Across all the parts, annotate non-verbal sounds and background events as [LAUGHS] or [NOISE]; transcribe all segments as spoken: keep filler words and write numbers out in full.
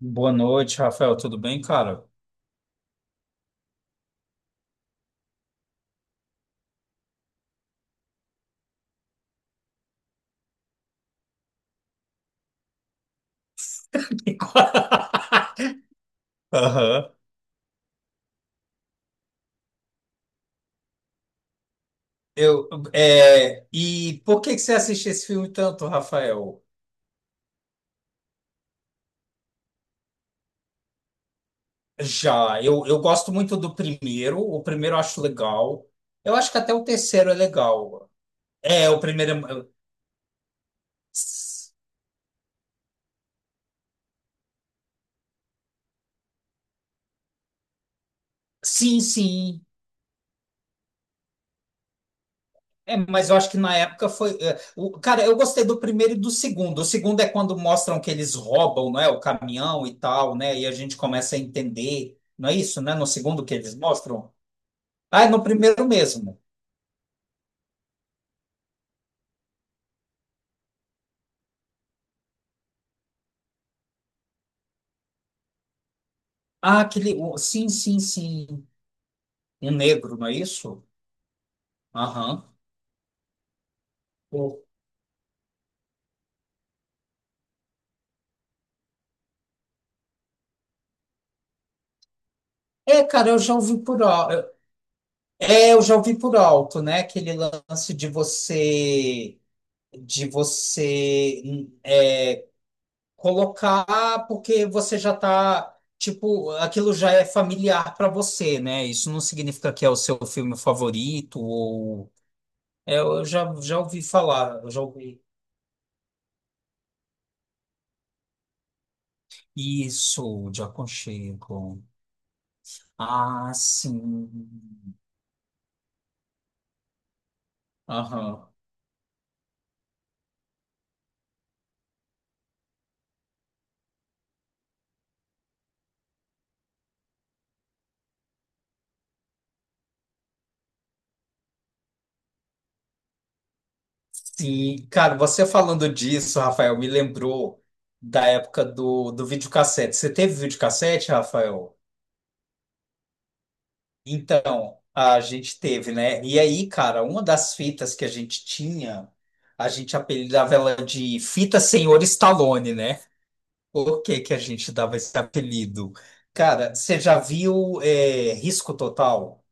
Boa noite, Rafael. Tudo bem, cara? [LAUGHS] Aham. Eu, é, e por que que você assiste esse filme tanto, Rafael? Já, eu, eu gosto muito do primeiro. O primeiro eu acho legal. Eu acho que até o terceiro é legal. É, o primeiro. é- Sim, sim. É, mas eu acho que na época foi. É, o, cara, eu gostei do primeiro e do segundo. O segundo é quando mostram que eles roubam, não é, o caminhão e tal, né? E a gente começa a entender. Não é isso, né? No segundo que eles mostram? Ah, é no primeiro mesmo. Ah, aquele. o- sim, sim, sim. Um negro, não é isso? Aham. O- É, cara, eu já ouvi por alto. É, eu já ouvi por alto, né? Aquele lance de você. De você hum, é colocar porque você já tá, tipo, aquilo já é familiar para você, né? Isso não significa que é o seu filme favorito ou é, eu já já ouvi falar, eu já ouvi Isso de aconchego. Ah, sim. Aham. Sim, cara, você falando disso, Rafael, me lembrou da época do do videocassete. Você teve videocassete, Rafael? Então, a gente teve, né? E aí, cara, uma das fitas que a gente tinha, a gente apelidava ela de Fita Senhor Stallone, né? Por que que a gente dava esse apelido? Cara, você já viu é, Risco Total?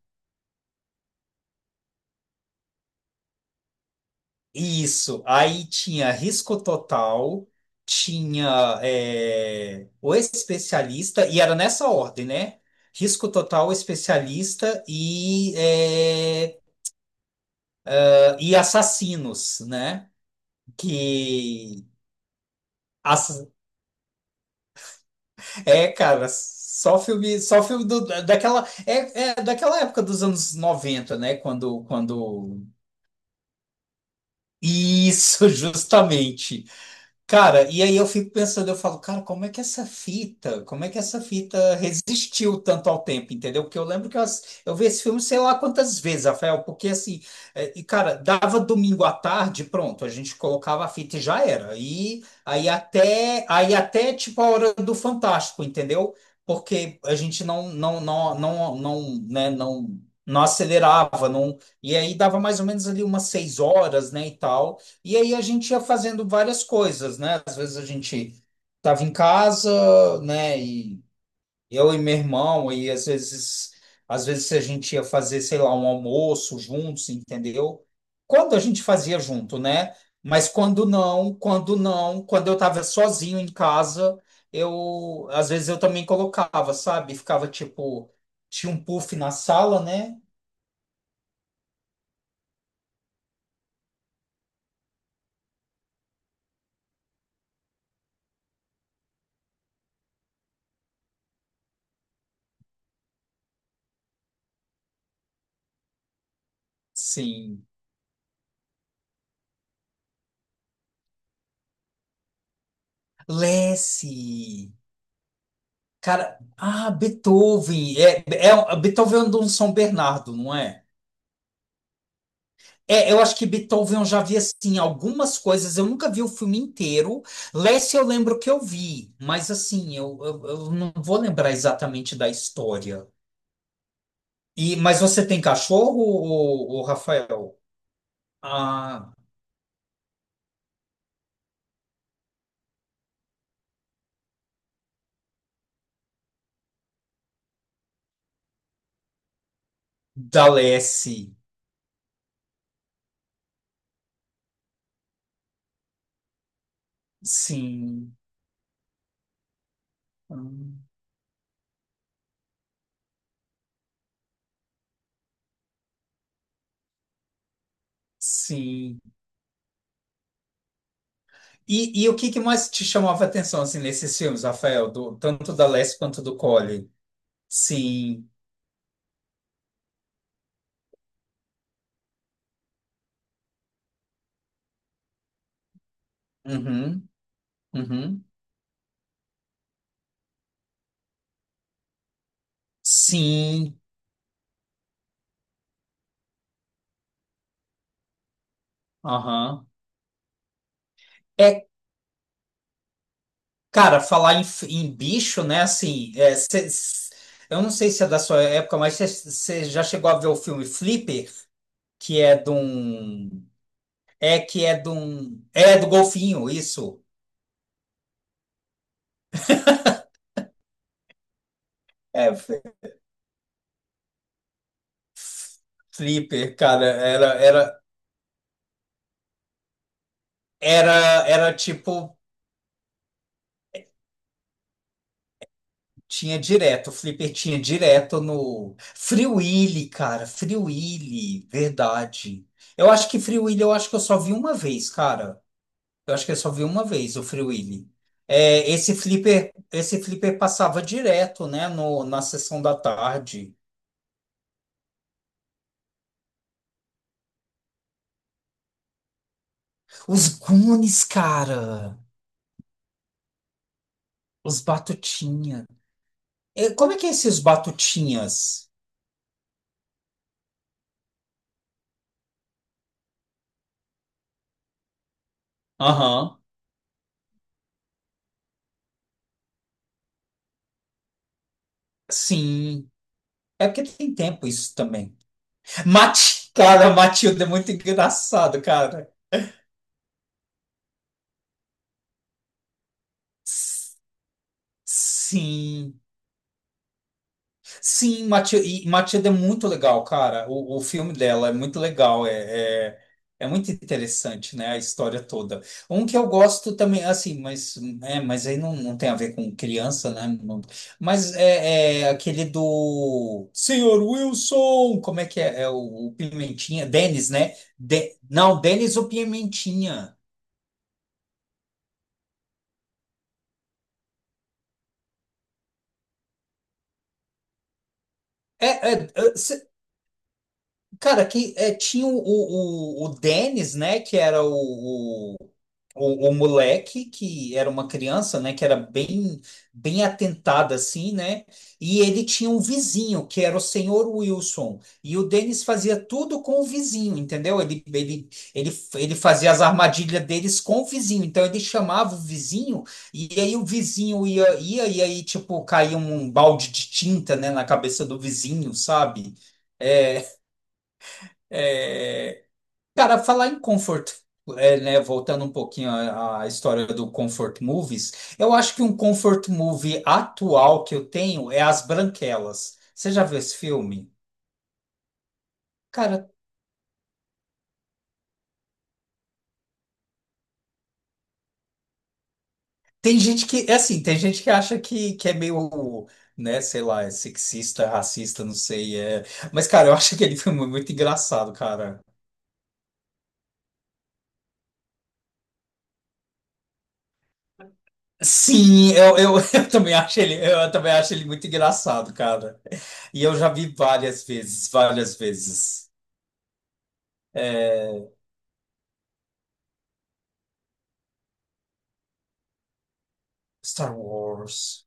Isso. Aí tinha Risco Total, tinha é, o especialista, e era nessa ordem, né? Risco Total, especialista e, é, e assassinos, né? Que as- é, Cara, só filme, só filme do- daquela é, é daquela época dos anos noventa, né, quando quando isso. [LAUGHS] Justamente. Cara, e aí eu fico pensando, eu falo, cara, como é que essa fita, como é que essa fita resistiu tanto ao tempo, entendeu? Porque eu lembro que eu, ass- eu vi esse filme sei lá quantas vezes, Rafael, porque assim, é, e cara, dava domingo à tarde, pronto, a gente colocava a fita e já era. E aí até, aí até tipo a hora do Fantástico, entendeu? Porque a gente não, não, não, não, não, né, não, não acelerava, não, e aí dava mais ou menos ali umas seis horas, né, e tal. E aí a gente ia fazendo várias coisas, né? Às vezes a gente tava em casa, né? E eu e meu irmão, e às vezes, às vezes a gente ia fazer, sei lá, um almoço juntos, entendeu? Quando a gente fazia junto, né? Mas quando não, quando não, quando eu tava sozinho em casa, eu às vezes eu também colocava, sabe? Ficava tipo, tinha um puff na sala, né? Sim. Lesse. Cara, ah, Beethoven. É, é, um, Beethoven é do São Bernardo, não é? É, eu acho que Beethoven eu já vi assim algumas coisas. Eu nunca vi o filme inteiro. Lassie eu lembro que eu vi, mas assim, eu, eu, eu não vou lembrar exatamente da história. E, mas você tem cachorro, ô, ô, Rafael? Ah, da Lassie. Sim. Hum, sim. E, e o que que mais te chamava a atenção assim, nesses filmes, Rafael? Do, tanto da Lassie quanto do Colin? Sim. Uhum. Uhum. Sim. Aham. É, cara, falar em, em bicho, né? Assim, é, cê- s- eu não sei se é da sua época, mas você já chegou a ver o filme Flipper, que é de um. É que é de um. É do golfinho, isso. É, F- Flipper, cara, era, era, era, era tipo. Tinha direto, o Flipper tinha direto no. Free Willy, cara, Free Willy, verdade. Eu acho que Free Willy eu acho que eu só vi uma vez, cara. Eu acho que eu só vi uma vez o Free Willy. É, esse Flipper, esse Flipper passava direto, né, no, na sessão da tarde. Os Goonies, cara, os Batutinha. É, como é que é esses Batutinhas? Aham, sim. É porque tem tempo isso também. Mati, cara, Matilda é muito engraçado, cara. S- Sim, sim, Matilda, e Matilda é muito legal, cara. O, o filme dela é muito legal, é, é, é muito interessante, né? A história toda. Um que eu gosto também, assim, mas, é, mas aí não, não tem a ver com criança, né? Não- Mas é, é aquele do Senhor Wilson, como é que é? É o, o Pimentinha, Denis, né? De- Não, Denis o Pimentinha. É, é, é, Cara, que é, tinha o, o, o Dennis, né? Que era o, o, o, o moleque, que era uma criança, né? Que era bem, bem atentada, assim, né? E ele tinha um vizinho, que era o senhor Wilson. E o Dennis fazia tudo com o vizinho, entendeu? Ele, ele, ele, ele fazia as armadilhas deles com o vizinho. Então ele chamava o vizinho, e aí o vizinho ia, ia e aí, tipo, caía um balde de tinta, né? Na cabeça do vizinho, sabe? É, cara, falar em comfort, é, né, voltando um pouquinho à, à história do comfort movies, eu acho que um comfort movie atual que eu tenho é As Branquelas. Você já viu esse filme? Cara, tem gente que, é assim, tem gente que acha que, que é meio, né, sei lá, é sexista, racista, não sei, é... Mas, cara, eu acho aquele filme muito engraçado, cara. Sim, eu, eu, [LAUGHS] eu também acho ele, eu também acho ele muito engraçado, cara. E eu já vi várias vezes, várias vezes. É, Star Wars.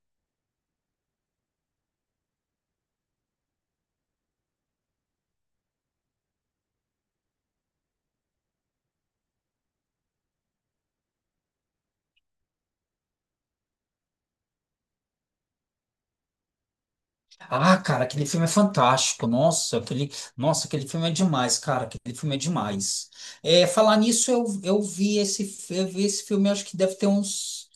Ah, cara, aquele filme é fantástico. Nossa, aquele, nossa, aquele filme é demais, cara. Aquele filme é demais. É, falar nisso, eu, eu vi esse, fi- eu vi esse filme, acho que deve ter uns.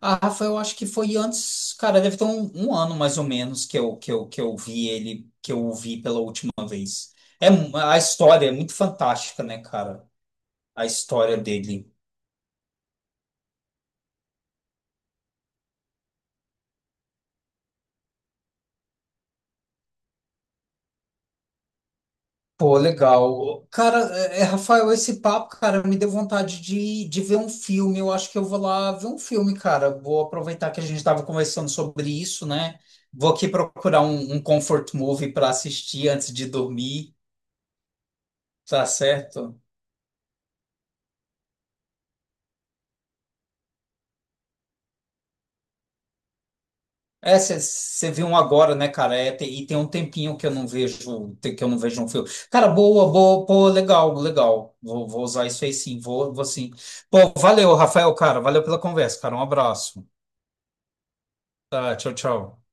Ah, Rafa, eu acho que foi antes, cara, deve ter um, um ano mais ou menos que eu, que eu, que eu vi ele, que eu o vi pela última vez. É, mu- a história é muito fantástica, né, cara? A história dele. Pô, legal. Cara, é, é, Rafael, esse papo, cara, me deu vontade de, de ver um filme. Eu acho que eu vou lá ver um filme, cara. Vou aproveitar que a gente estava conversando sobre isso, né? Vou aqui procurar um, um comfort movie para assistir antes de dormir, tá certo? É, você viu um agora, né, cara? É, tem- e tem um tempinho que eu não vejo, tem- que eu não vejo um filme. Cara, boa, boa, pô, legal, legal. Vou, vou usar isso aí sim, vou, vou sim. Pô, valeu, Rafael, cara. Valeu pela conversa, cara. Um abraço. Tá, tchau, tchau.